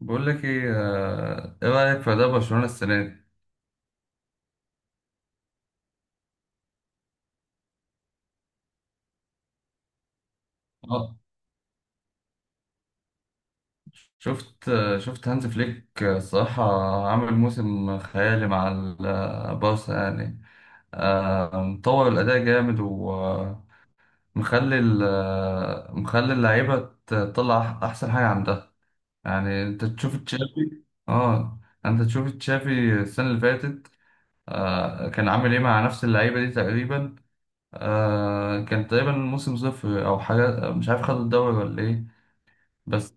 بقول لك ايه، ايه رايك في اداء برشلونه السنه دي؟ اه. شفت هانز فليك، الصراحه عامل موسم خيالي مع البارسا يعني. مطور الاداء جامد ومخلي، مخلي اللعيبه تطلع احسن حاجه عندها. يعني انت تشوف تشافي. اه. انت تشوف تشافي السنه اللي فاتت، كان عامل ايه مع نفس اللعيبه دي تقريبا؟ كان تقريبا الموسم صفر او حاجه، مش عارف، خدوا الدوري ولا ايه؟ بس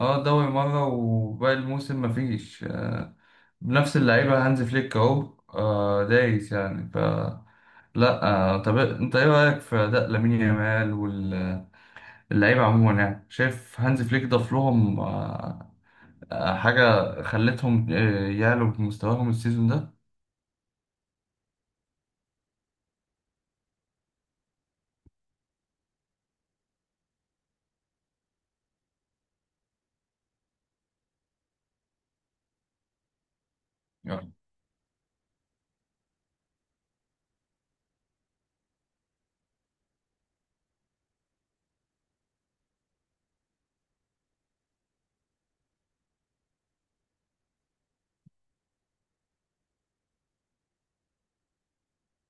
اه، دوري مره وباقي الموسم مفيش. بنفس اللعيبه. هانز فليك اهو، دايس يعني. ف لا. طب انت ايه رايك في اداء لامين يامال واللعيبه عموما؟ يعني شايف هانز فليك ضاف لهم، حاجه خلتهم، يعلوا بمستواهم السيزون ده.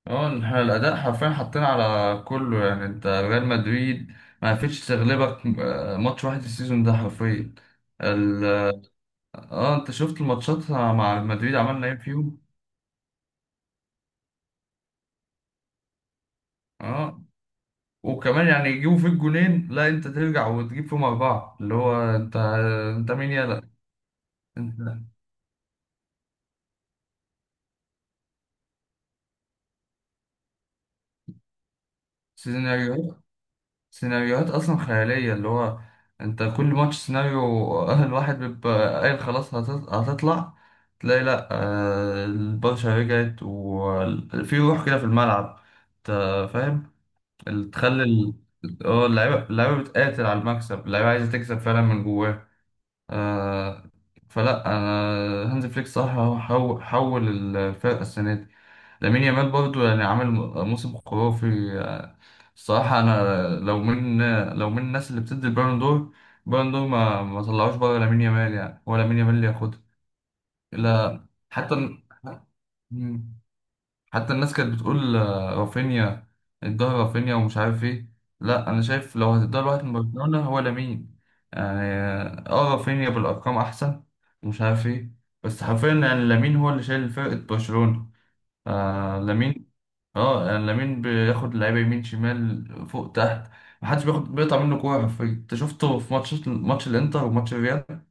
اه، إن إحنا الأداء حرفيا حاطين على كله. يعني انت ريال مدريد ما عرفتش تغلبك ماتش واحد السيزون ده حرفيا. ال... اه آه، انت شفت الماتشات مع مدريد؟ عملنا ايه فيهم. اه، وكمان يعني يجيبوا فيك جونين، لا انت ترجع وتجيب فيهم أربعة، اللي هو انت. انت مين يلا؟ انت السيزون، سيناريوهات اصلا خياليه، اللي هو انت كل ماتش سيناريو. اهل واحد بيبقى قايل خلاص هتطلع، تلاقي لا، البرشا رجعت وفي روح كده في الملعب، انت فاهم. ال- تخلي ال- اه اللعيبه بتقاتل على المكسب، اللعيبه عايزه تكسب فعلا من جواها. آه، فلا انا، هانز فليك صح، هو حول الفرقه السنه دي. لامين يامال برضو يعني عامل موسم خرافي. آه، الصراحة أنا لو من الناس اللي بتدي البالون دور، البالون دور ما طلعوش بره لامين يامال. يعني هو لامين يامال اللي ياخدها. لا حتى. مم. حتى الناس كانت بتقول، رافينيا الظهر، رافينيا ومش عارف ايه. لا أنا شايف، لو هتديها لواحد من برشلونة هو لامين. يعني رافينيا بالأرقام أحسن، ومش عارف ايه، بس حرفيا يعني لامين هو اللي شايل فرقة برشلونة. لامين. اه، يعني لامين بياخد لعيبه يمين شمال فوق تحت، محدش بياخد، بيقطع منه كوره حرفيا. انت شفته في ماتش الانتر وماتش الريال.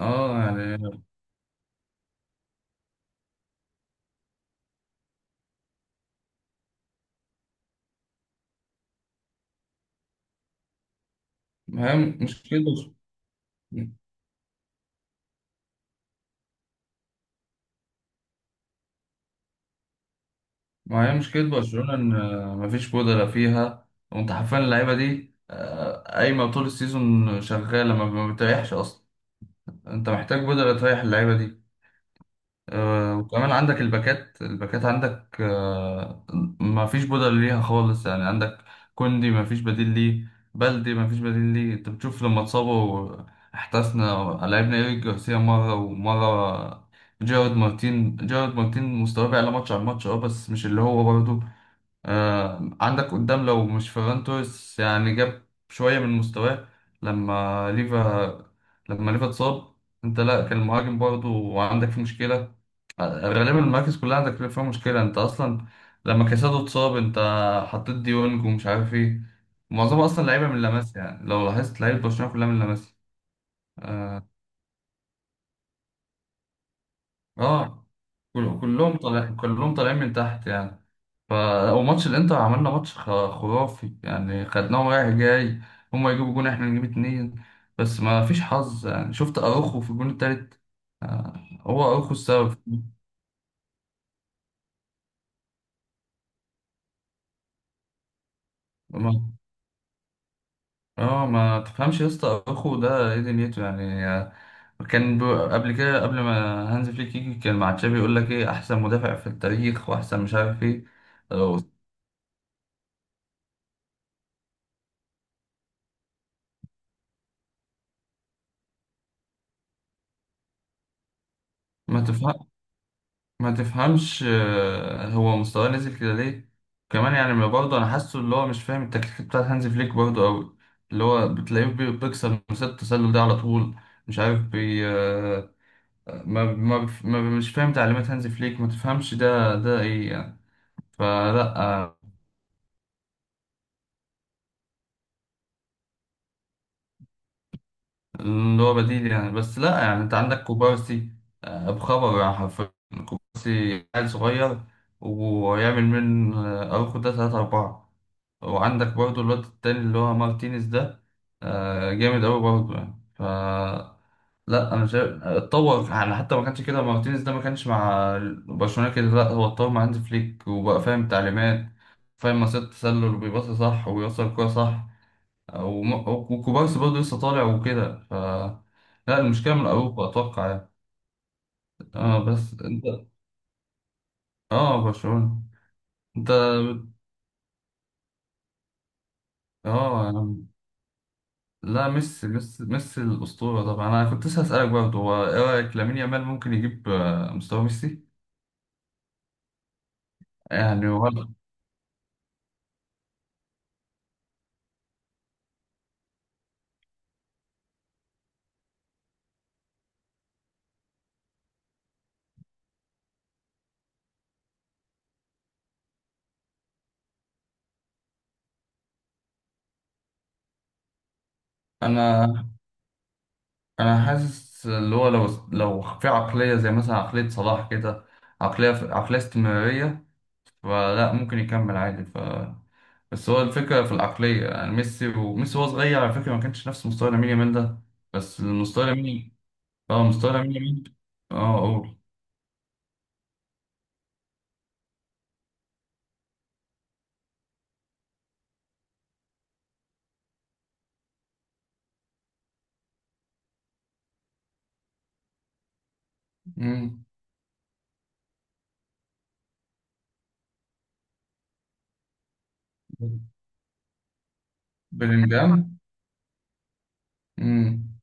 اه يعني ما هي مشكله برش- ما هي مشكله برشلونه، ان مفيش بودره فيها. وانت حرفيا اللعيبه دي قايمه طول السيزون شغاله، ما بتريحش اصلا. انت محتاج بودره تريح اللعيبه دي. وكمان عندك الباكات عندك ما فيش بدل ليها خالص. يعني عندك كوندي ما فيش بديل ليه، بلدي ما فيش بديل ليه. انت بتشوف لما اتصابوا احتسنا، لعبنا ايريك جارسيا مرة ومرة، جارد مارتين مستواه بيعلى ماتش عن ماتش، اه، بس مش اللي هو برضه. عندك قدام لو مش فيران توريس، يعني جاب شوية من مستواه. لما ليفا لما ليفا اتصاب انت، لا كان المهاجم برضه عندك فيه مشكلة. غالبا المراكز كلها عندك فيها مشكلة انت اصلا. لما كاسادو اتصاب انت حطيت ديونج ومش عارف ايه. معظمها اصلا لعيبة من لاماسيا، يعني لو لاحظت لعيبة برشلونة كلها من لاماسيا. اه، كلهم طالعين من تحت يعني. ف. وماتش الانتر عملنا ماتش خرافي، يعني خدناهم رايح جاي، هما يجيبوا جون احنا نجيب اتنين. بس ما فيش حظ، يعني شفت اروخو في الجون التالت. آه، هو اروخو السبب. ما- اه ما تفهمش يا اسطى، اخو ده ايه دنيته يعني. كان ب- قبل كده، قبل ما هانز فليك يجي، كان مع تشافي يقول لك ايه، احسن مدافع في التاريخ، واحسن مش عارف ايه. آه، ما تفهم ما تفهمش هو مستواه نزل كده ليه؟ كمان يعني، ما برضه انا حاسه اللي هو مش فاهم التكتيك بتاع هانز فليك برضه قوي. اللي هو بتلاقيه بيكسر من ست التسلل ده على طول. مش عارف بي آه، ما ما بف- ما مش فاهم تعليمات هانز فليك. ما تفهمش ده ايه يعني؟ فلا، اللي هو بديل يعني. بس لا، يعني انت عندك كوبارسي، بخبر يعني حرفيا. كوبارسي عيل صغير، ويعمل من، اروخو ده تلاتة أربعة. وعندك برضو الواد التاني اللي هو مارتينيز ده، جامد أوي برضو يعني. ف لا، أنا شايف اتطور، يعني حتى ما كانش كده، مارتينيز ده ما كانش مع برشلونة كده. لا، هو اتطور مع هانز فليك وبقى فاهم تعليمات، فاهم مصيدة التسلل وبيباصي صح ويوصل الكورة صح. وكوبارسي برضه لسه طالع وكده. ف لا، المشكلة من أوروبا أتوقع يعني. اه، بس أنت. اه، برشلونة. أنت. اه يعني، لا ميسي ميسي ميسي الأسطورة طبعا. أنا كنت لسه هسألك برضه، هو إيه رأيك، لامين يامال ممكن يجيب مستوى ميسي؟ يعني ولا؟ أنا أنا حاسس اللي هو لو في عقلية زي مثلا عقلية صلاح كده، عقلية استمرارية. فلا ممكن يكمل عادي. ف بس هو الفكرة في العقلية، يعني ميسي، وميسي وهو صغير على فكرة ما كانش نفس مستوى لامين يامال ده. بس المستوى لامين. اه، مستوى لامين يامال. اه، قول. مم. بلينجهام. امم.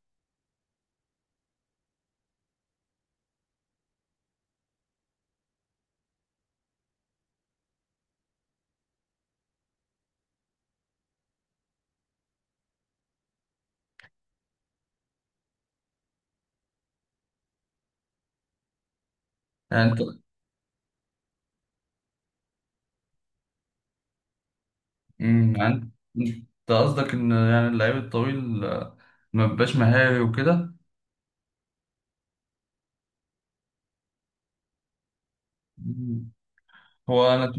يعني انت. يعني انت قصدك ان يعني اللعيب الطويل ما بيبقاش مهاري وكده. مم. هو انا.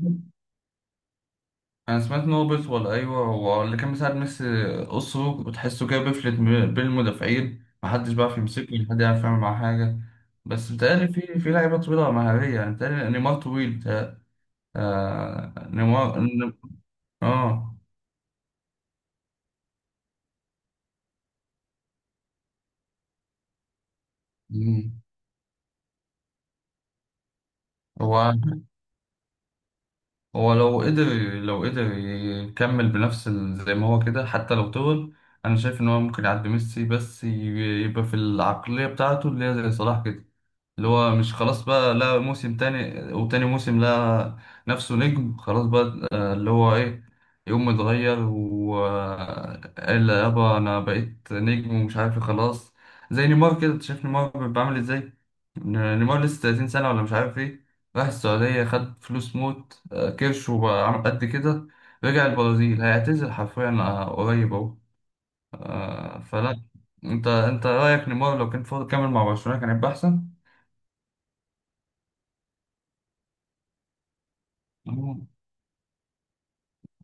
انا سمعت ان هو بيطول، ايوه. هو اللي كان مساعد ميسي قصه، وتحسه كده بيفلت بين المدافعين، محدش بيعرف يمسكه ولا حد يعرف يعمل معاه حاجه. بس بيتهيألي في لعيبه طويله مهاريه. يعني بيتهيألي نيمار طويل، نيمار اه. مم. هو. هو لو قدر، لو قدر يكمل بنفس ال-، زي ما هو كده حتى لو طول، انا شايف ان هو ممكن يعدي ميسي. بس يبقى في العقلية بتاعته، اللي هي زي صلاح كده، اللي هو مش خلاص بقى. لا موسم تاني وتاني موسم، لا. نفسه نجم خلاص بقى، اللي هو ايه، يقوم متغير وقال يابا انا بقيت نجم ومش عارف إيه خلاص. زي نيمار كده، انت شايف نيمار بعمل ازاي. نيمار لسه 30 سنة، ولا مش عارف ايه. راح السعودية، خد فلوس، موت، كرش، وبقى عامل قد كده. رجع البرازيل، هيعتزل حرفيا، قريب اهو. فلا انت رأيك نيمار لو كان فاضل كامل مع برشلونة كان هيبقى احسن؟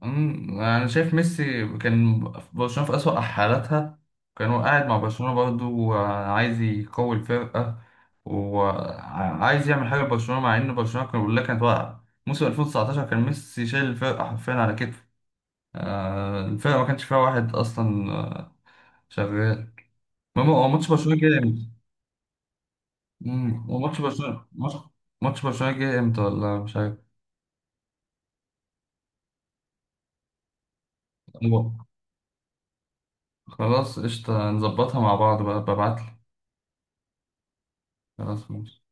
انا شايف ميسي كان في برشلونه في اسوأ حالاتها، كان هو قاعد مع برشلونه برضه، وعايز يقوي الفرقه وعايز يعمل حاجه لبرشلونه، مع ان برشلونه كان كلها كانت واقعه. موسم 2019 كان ميسي شايل الفرقه حرفيا على كتفه. الفرقه ما كانش فيها واحد اصلا شغال. المهم، هو ماتش برشلونه جه امتى؟ هو ماتش برشلونه، ماتش جه امتى ولا مش عارف؟ هو- خلاص قشطه، نظبطها مع بعض بقى، ببعتلي. خلاص ماشي.